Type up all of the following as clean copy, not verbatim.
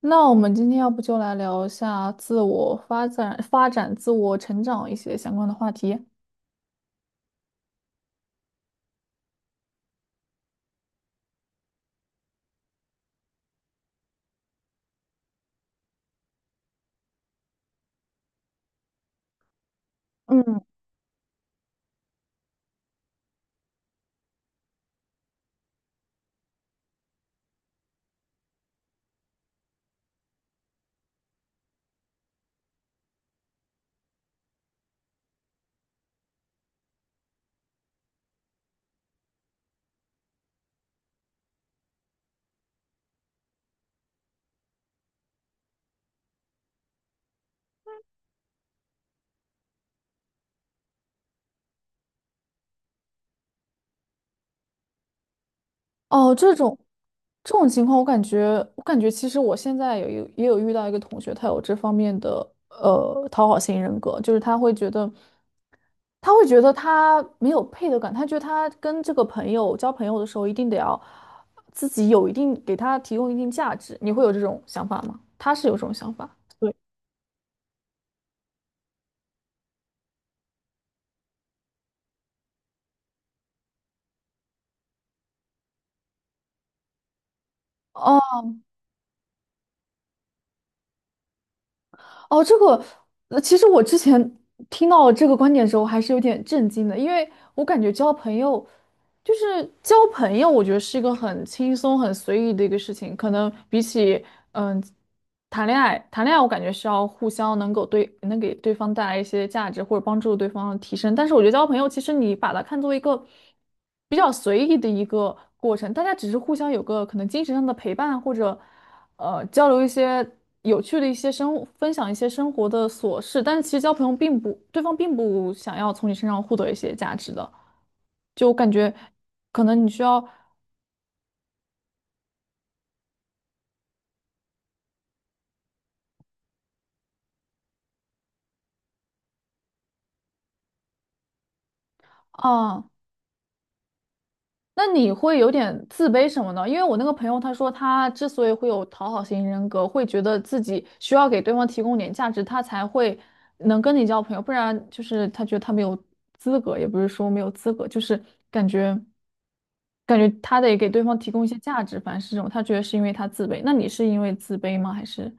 那我们今天要不就来聊一下自我发展、发展自我成长一些相关的话题。嗯哦，这种情况，我感觉，我感觉其实我现在也有遇到一个同学，他有这方面的讨好型人格，就是他会觉得，他会觉得他没有配得感，他觉得他跟这个朋友交朋友的时候，一定得要自己有一定给他提供一定价值。你会有这种想法吗？他是有这种想法。对，哦，哦，这个，其实我之前听到这个观点的时候，还是有点震惊的，因为我感觉交朋友，就是交朋友，我觉得是一个很轻松、很随意的一个事情，可能比起嗯谈恋爱，谈恋爱我感觉是要互相能够能给对方带来一些价值，或者帮助对方提升，但是我觉得交朋友，其实你把它看作一个比较随意的一个过程，大家只是互相有个可能精神上的陪伴，或者。交流一些有趣的一些生，分享一些生活的琐事，但是其实交朋友并不，对方并不想要从你身上获得一些价值的，就感觉可能你需要啊，那你会有点自卑什么呢？因为我那个朋友他说他之所以会有讨好型人格，会觉得自己需要给对方提供点价值，他才会能跟你交朋友，不然就是他觉得他没有资格，也不是说没有资格，就是感觉。感觉他得给对方提供一些价值，反正是这种，他觉得是因为他自卑。那你是因为自卑吗？还是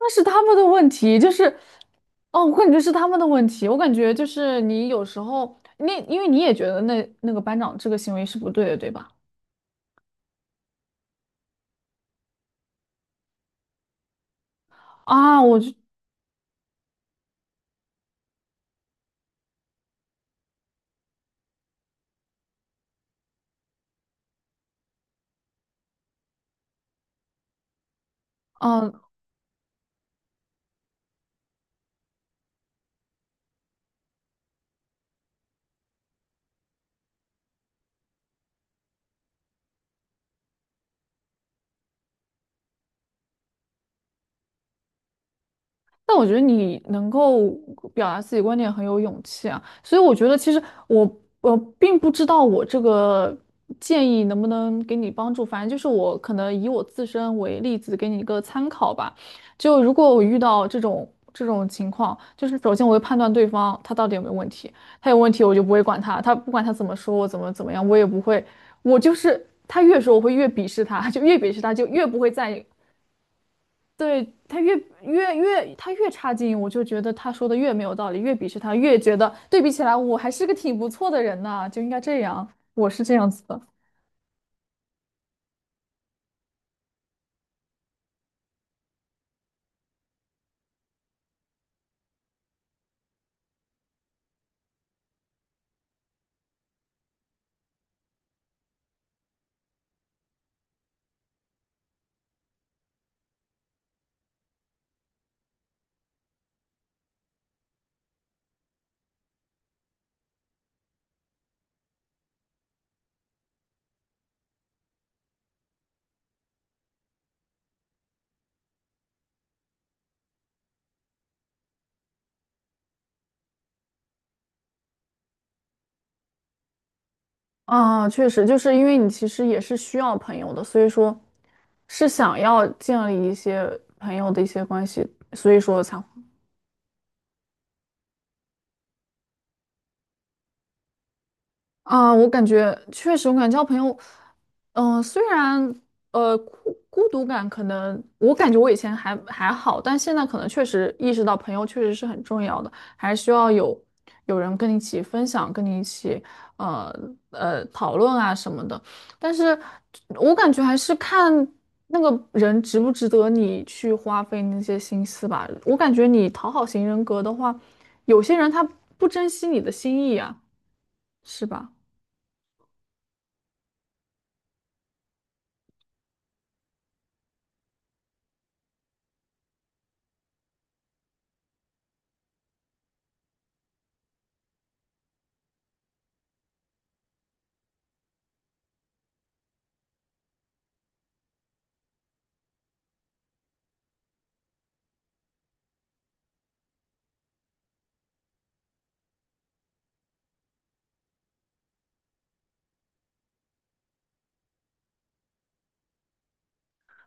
那是他们的问题？就是，哦，我感觉是他们的问题。我感觉就是你有时候，你因为你也觉得那个班长这个行为是不对的，对吧？啊，我就，嗯、但我觉得你能够表达自己观点很有勇气啊，所以我觉得其实我并不知道我这个建议能不能给你帮助，反正就是我可能以我自身为例子给你一个参考吧。就如果我遇到这种情况，就是首先我会判断对方他到底有没有问题，他有问题我就不会管他，他不管他怎么说我怎么样，我也不会，我就是他越说我会越鄙视他，就越鄙视他就越不会在意。对，他越他越差劲，我就觉得他说的越没有道理，越鄙视他，越觉得对比起来我还是个挺不错的人呐，就应该这样，我是这样子的。啊，确实，就是因为你其实也是需要朋友的，所以说是想要建立一些朋友的一些关系，所以说才啊，我感觉确实，我感觉交朋友，虽然孤独感可能，我感觉我以前还好，但现在可能确实意识到朋友确实是很重要的，还需要有有人跟你一起分享，跟你一起呃讨论啊什么的。但是我感觉还是看那个人值不值得你去花费那些心思吧。我感觉你讨好型人格的话，有些人他不珍惜你的心意啊，是吧？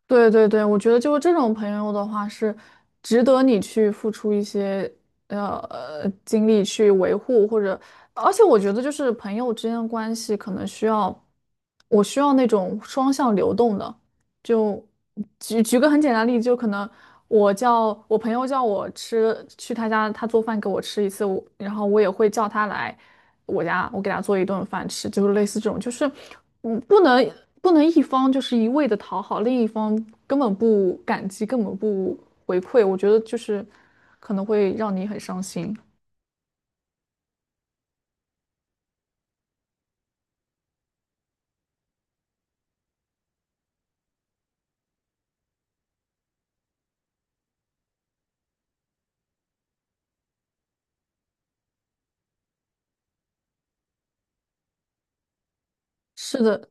对对对，我觉得就是这种朋友的话，是值得你去付出一些精力去维护，或者，而且我觉得就是朋友之间的关系可能需要，我需要那种双向流动的，就举个很简单的例子，就可能我叫我朋友叫我去他家，他做饭给我吃一次，然后我也会叫他来我家，我给他做一顿饭吃，就是类似这种，就是嗯，不能不能一方就是一味的讨好，另一方根本不感激，根本不回馈，我觉得就是可能会让你很伤心。是的，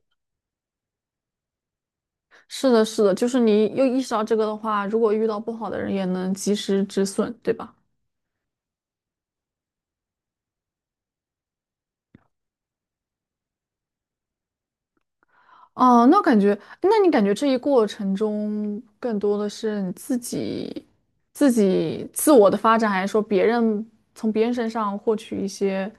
是的，是的，就是你又意识到这个的话，如果遇到不好的人，也能及时止损，对吧？哦，那感觉，那你感觉这一过程中更多的是你自己、自己自我的发展，还是说别人从别人身上获取一些？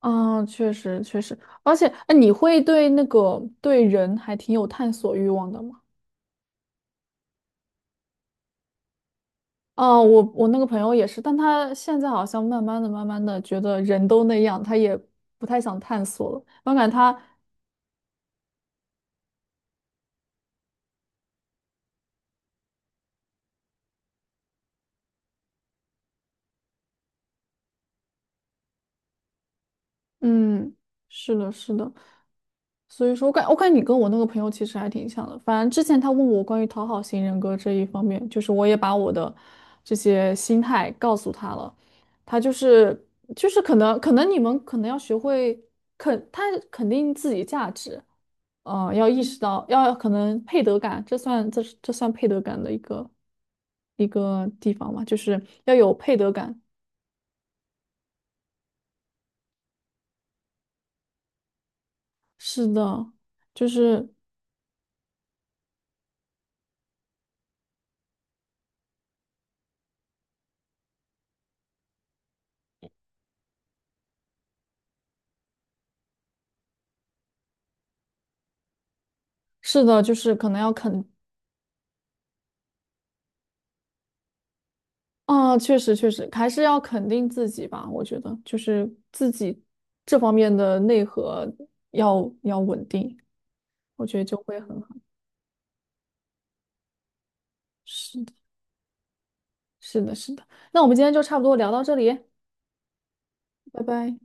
嗯，确实确实，而且，哎，你会对对人还挺有探索欲望的吗？哦，我那个朋友也是，但他现在好像慢慢的、慢慢的觉得人都那样，他也不太想探索了。我感觉他嗯，是的，是的。所以说我感觉你跟我那个朋友其实还挺像的。反正之前他问我关于讨好型人格这一方面，就是我也把我的这些心态告诉他了。他就是可能你们可能要学会肯他肯定自己价值，呃，要意识到要可能配得感，这算配得感的一个一个地方嘛，就是要有配得感。是的，就是是的，就是可能要肯。啊，确实确实，还是要肯定自己吧。我觉得就是自己这方面的内核要稳定，我觉得就会很好。是的，是的，是的。那我们今天就差不多聊到这里，拜拜。